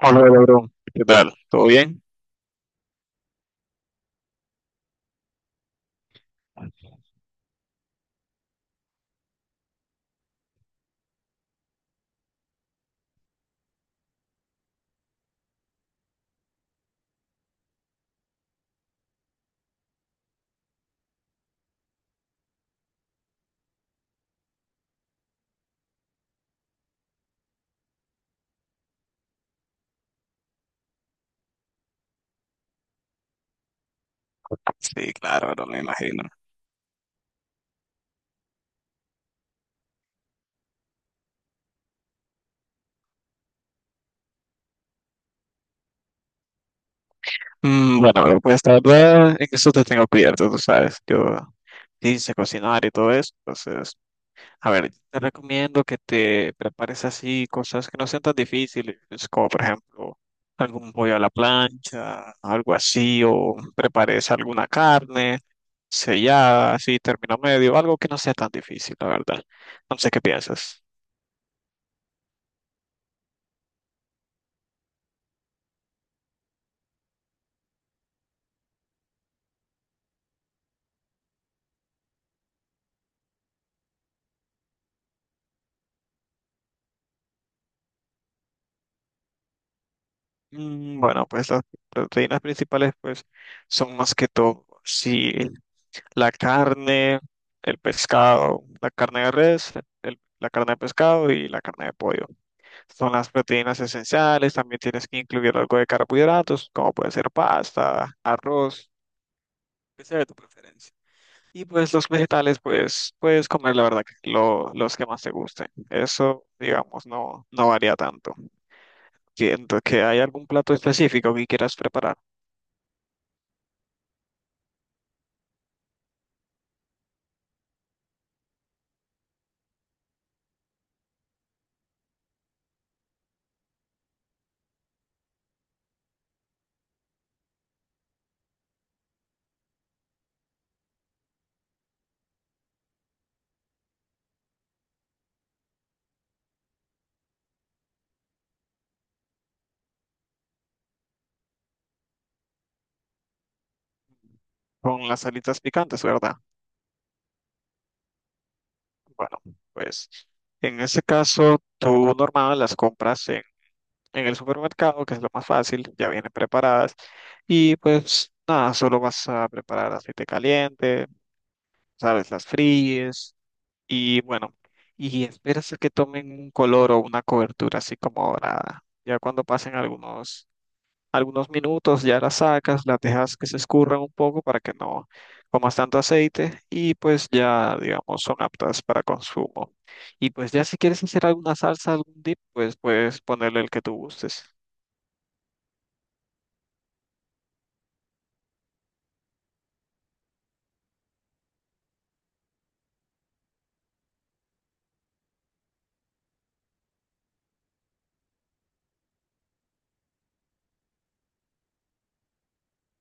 Hola, bro. ¿Qué tal? ¿Todo bien? Sí, claro, bro, me imagino. Mm, bueno, bro, pues la verdad, en eso te tengo cubierto, tú sabes. Yo hice cocinar y todo eso, entonces. A ver, te recomiendo que te prepares así cosas que no sean tan difíciles, como por ejemplo algún pollo a la plancha, algo así, o prepares alguna carne sellada, así, término medio, algo que no sea tan difícil, la verdad. No sé qué piensas. Mm, bueno, pues las proteínas principales pues son más que todo, sí, la carne, el pescado, la carne de res, la carne de pescado y la carne de pollo. Son las proteínas esenciales, también tienes que incluir algo de carbohidratos, como puede ser pasta, arroz, que sea de tu preferencia. Y pues los vegetales, pues puedes comer la verdad que los que más te gusten. Eso, digamos, no, no varía tanto. Siento que hay algún plato específico que quieras preparar con las alitas picantes, ¿verdad? Bueno, pues en ese caso, tú normal las compras en el supermercado, que es lo más fácil, ya vienen preparadas. Y pues nada, solo vas a preparar aceite caliente, sabes, las fríes y bueno, y esperas a que tomen un color o una cobertura así como dorada. Ya cuando pasen algunos minutos, ya las sacas, las dejas que se escurran un poco para que no comas tanto aceite y pues ya, digamos, son aptas para consumo. Y pues ya si quieres hacer alguna salsa, algún dip, pues puedes ponerle el que tú gustes.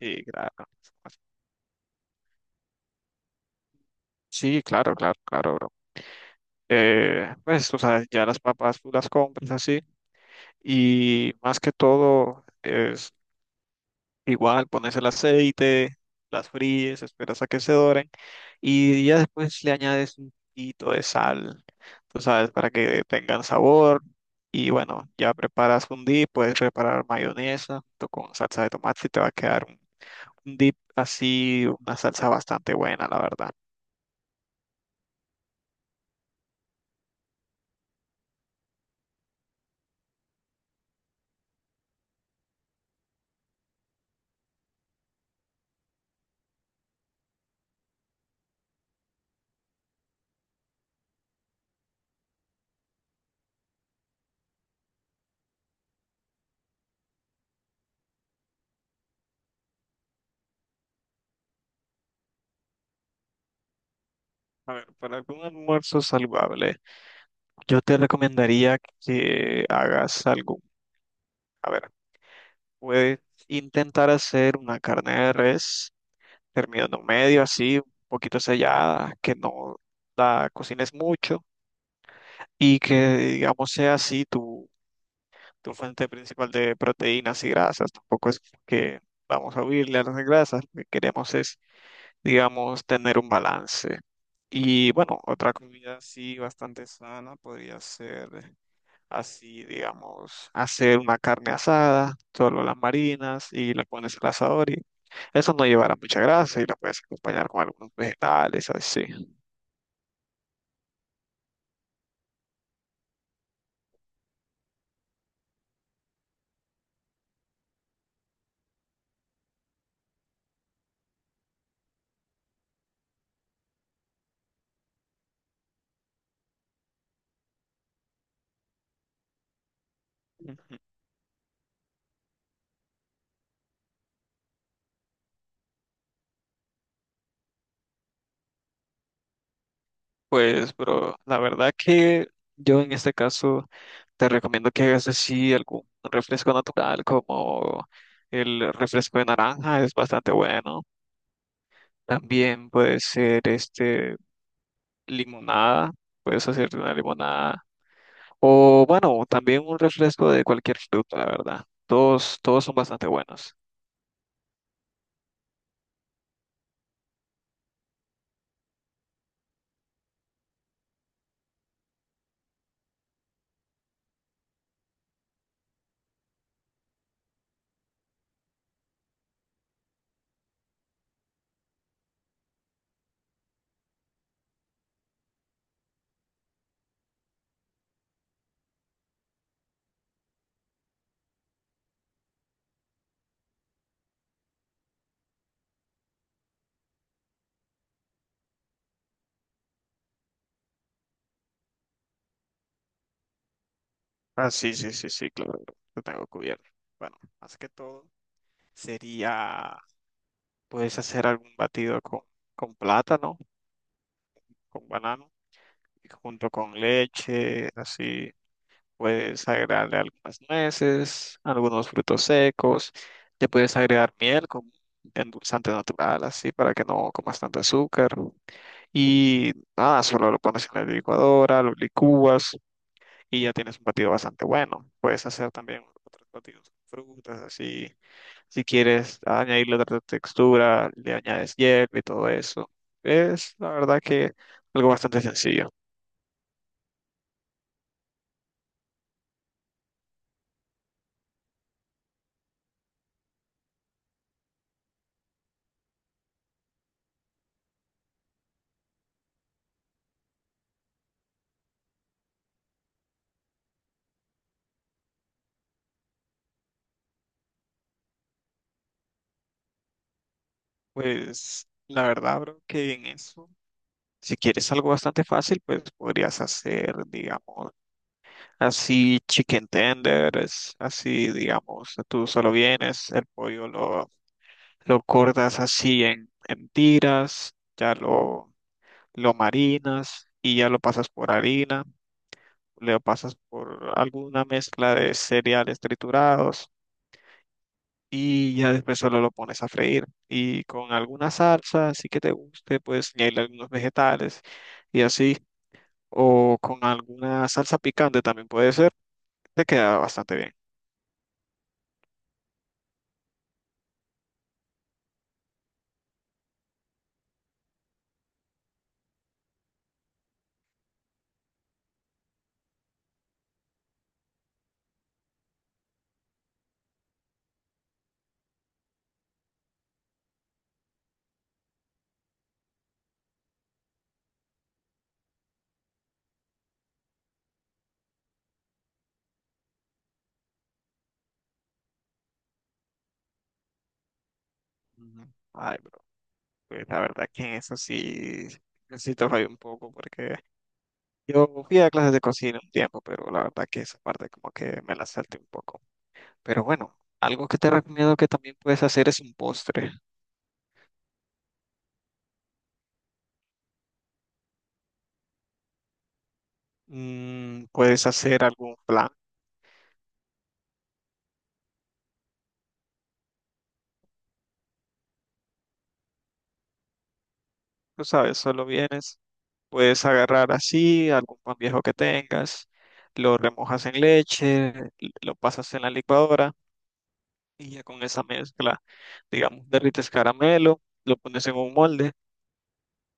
Sí, claro. Sí, claro, claro, claro, bro. Pues, tú sabes, ya las papas tú las compras así y más que todo es igual, pones el aceite, las fríes, esperas a que se doren y ya después le añades un poquito de sal, tú sabes, para que tengan sabor y bueno, ya preparas un dip, puedes preparar mayonesa junto con salsa de tomate y te va a quedar un dip así, una salsa bastante buena, la verdad. A ver, para algún almuerzo saludable, yo te recomendaría que hagas algún. A ver, puedes intentar hacer una carne de res, terminando medio, así, un poquito sellada, que no la cocines mucho y que, digamos, sea así tu fuente principal de proteínas y grasas. Tampoco es que vamos a huirle a las grasas, lo que queremos es, digamos, tener un balance. Y bueno, otra comida así bastante sana podría ser, así, digamos, hacer una carne asada, solo las marinas y le pones el asador y eso no llevará mucha grasa y la puedes acompañar con algunos vegetales, así. Ujú. Pues, bro, la verdad que yo en este caso te recomiendo que hagas así algún refresco natural como el refresco de naranja, es bastante bueno. También puede ser este limonada, puedes hacerte una limonada. O bueno, también un refresco de cualquier fruta, la verdad. Todos son bastante buenos. Ah, sí, claro, lo tengo cubierto. Bueno, más que todo sería, puedes hacer algún batido con plátano con banano y junto con leche, así puedes agregarle algunas nueces, algunos frutos secos, le puedes agregar miel como endulzante natural, así para que no comas tanto azúcar. Y nada, solo lo pones en la licuadora, lo licúas y ya tienes un batido bastante bueno. Puedes hacer también otros batidos con frutas, así si quieres añadirle otra textura, le añades hierba y todo eso. Es la verdad que algo bastante sencillo. Pues la verdad, bro, que en eso, si quieres algo bastante fácil, pues podrías hacer, digamos, así chicken tenders, así, digamos, tú solo vienes, el lo cortas así en tiras, lo marinas y ya lo pasas por harina, lo pasas por alguna mezcla de cereales triturados y ya después solo lo pones a freír. Y con alguna salsa, así que te guste, puedes añadirle algunos vegetales y así. O con alguna salsa picante también puede ser, te queda bastante bien. Ujú. Ay, bro, pues la verdad que en eso sí necesito fallar un poco porque yo fui a clases de cocina un tiempo, pero la verdad que esa parte como que me la salté un poco. Pero bueno, algo que te recomiendo que también puedes hacer es un postre. Mm, puedes hacer algún plan, tú sabes, solo vienes. Puedes agarrar así algún pan viejo que tengas, lo remojas en leche, lo pasas en la licuadora y ya con esa mezcla, digamos, derrites caramelo, lo pones en un molde,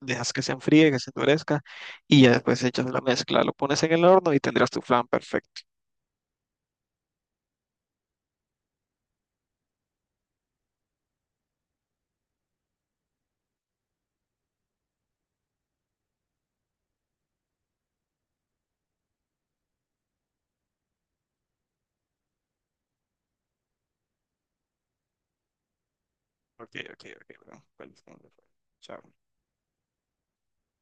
dejas que se enfríe, que se endurezca y ya después echas la mezcla, lo pones en el horno y tendrás tu flan perfecto. Ok, ok, ok, bro. Feliz cumpleaños. Chao.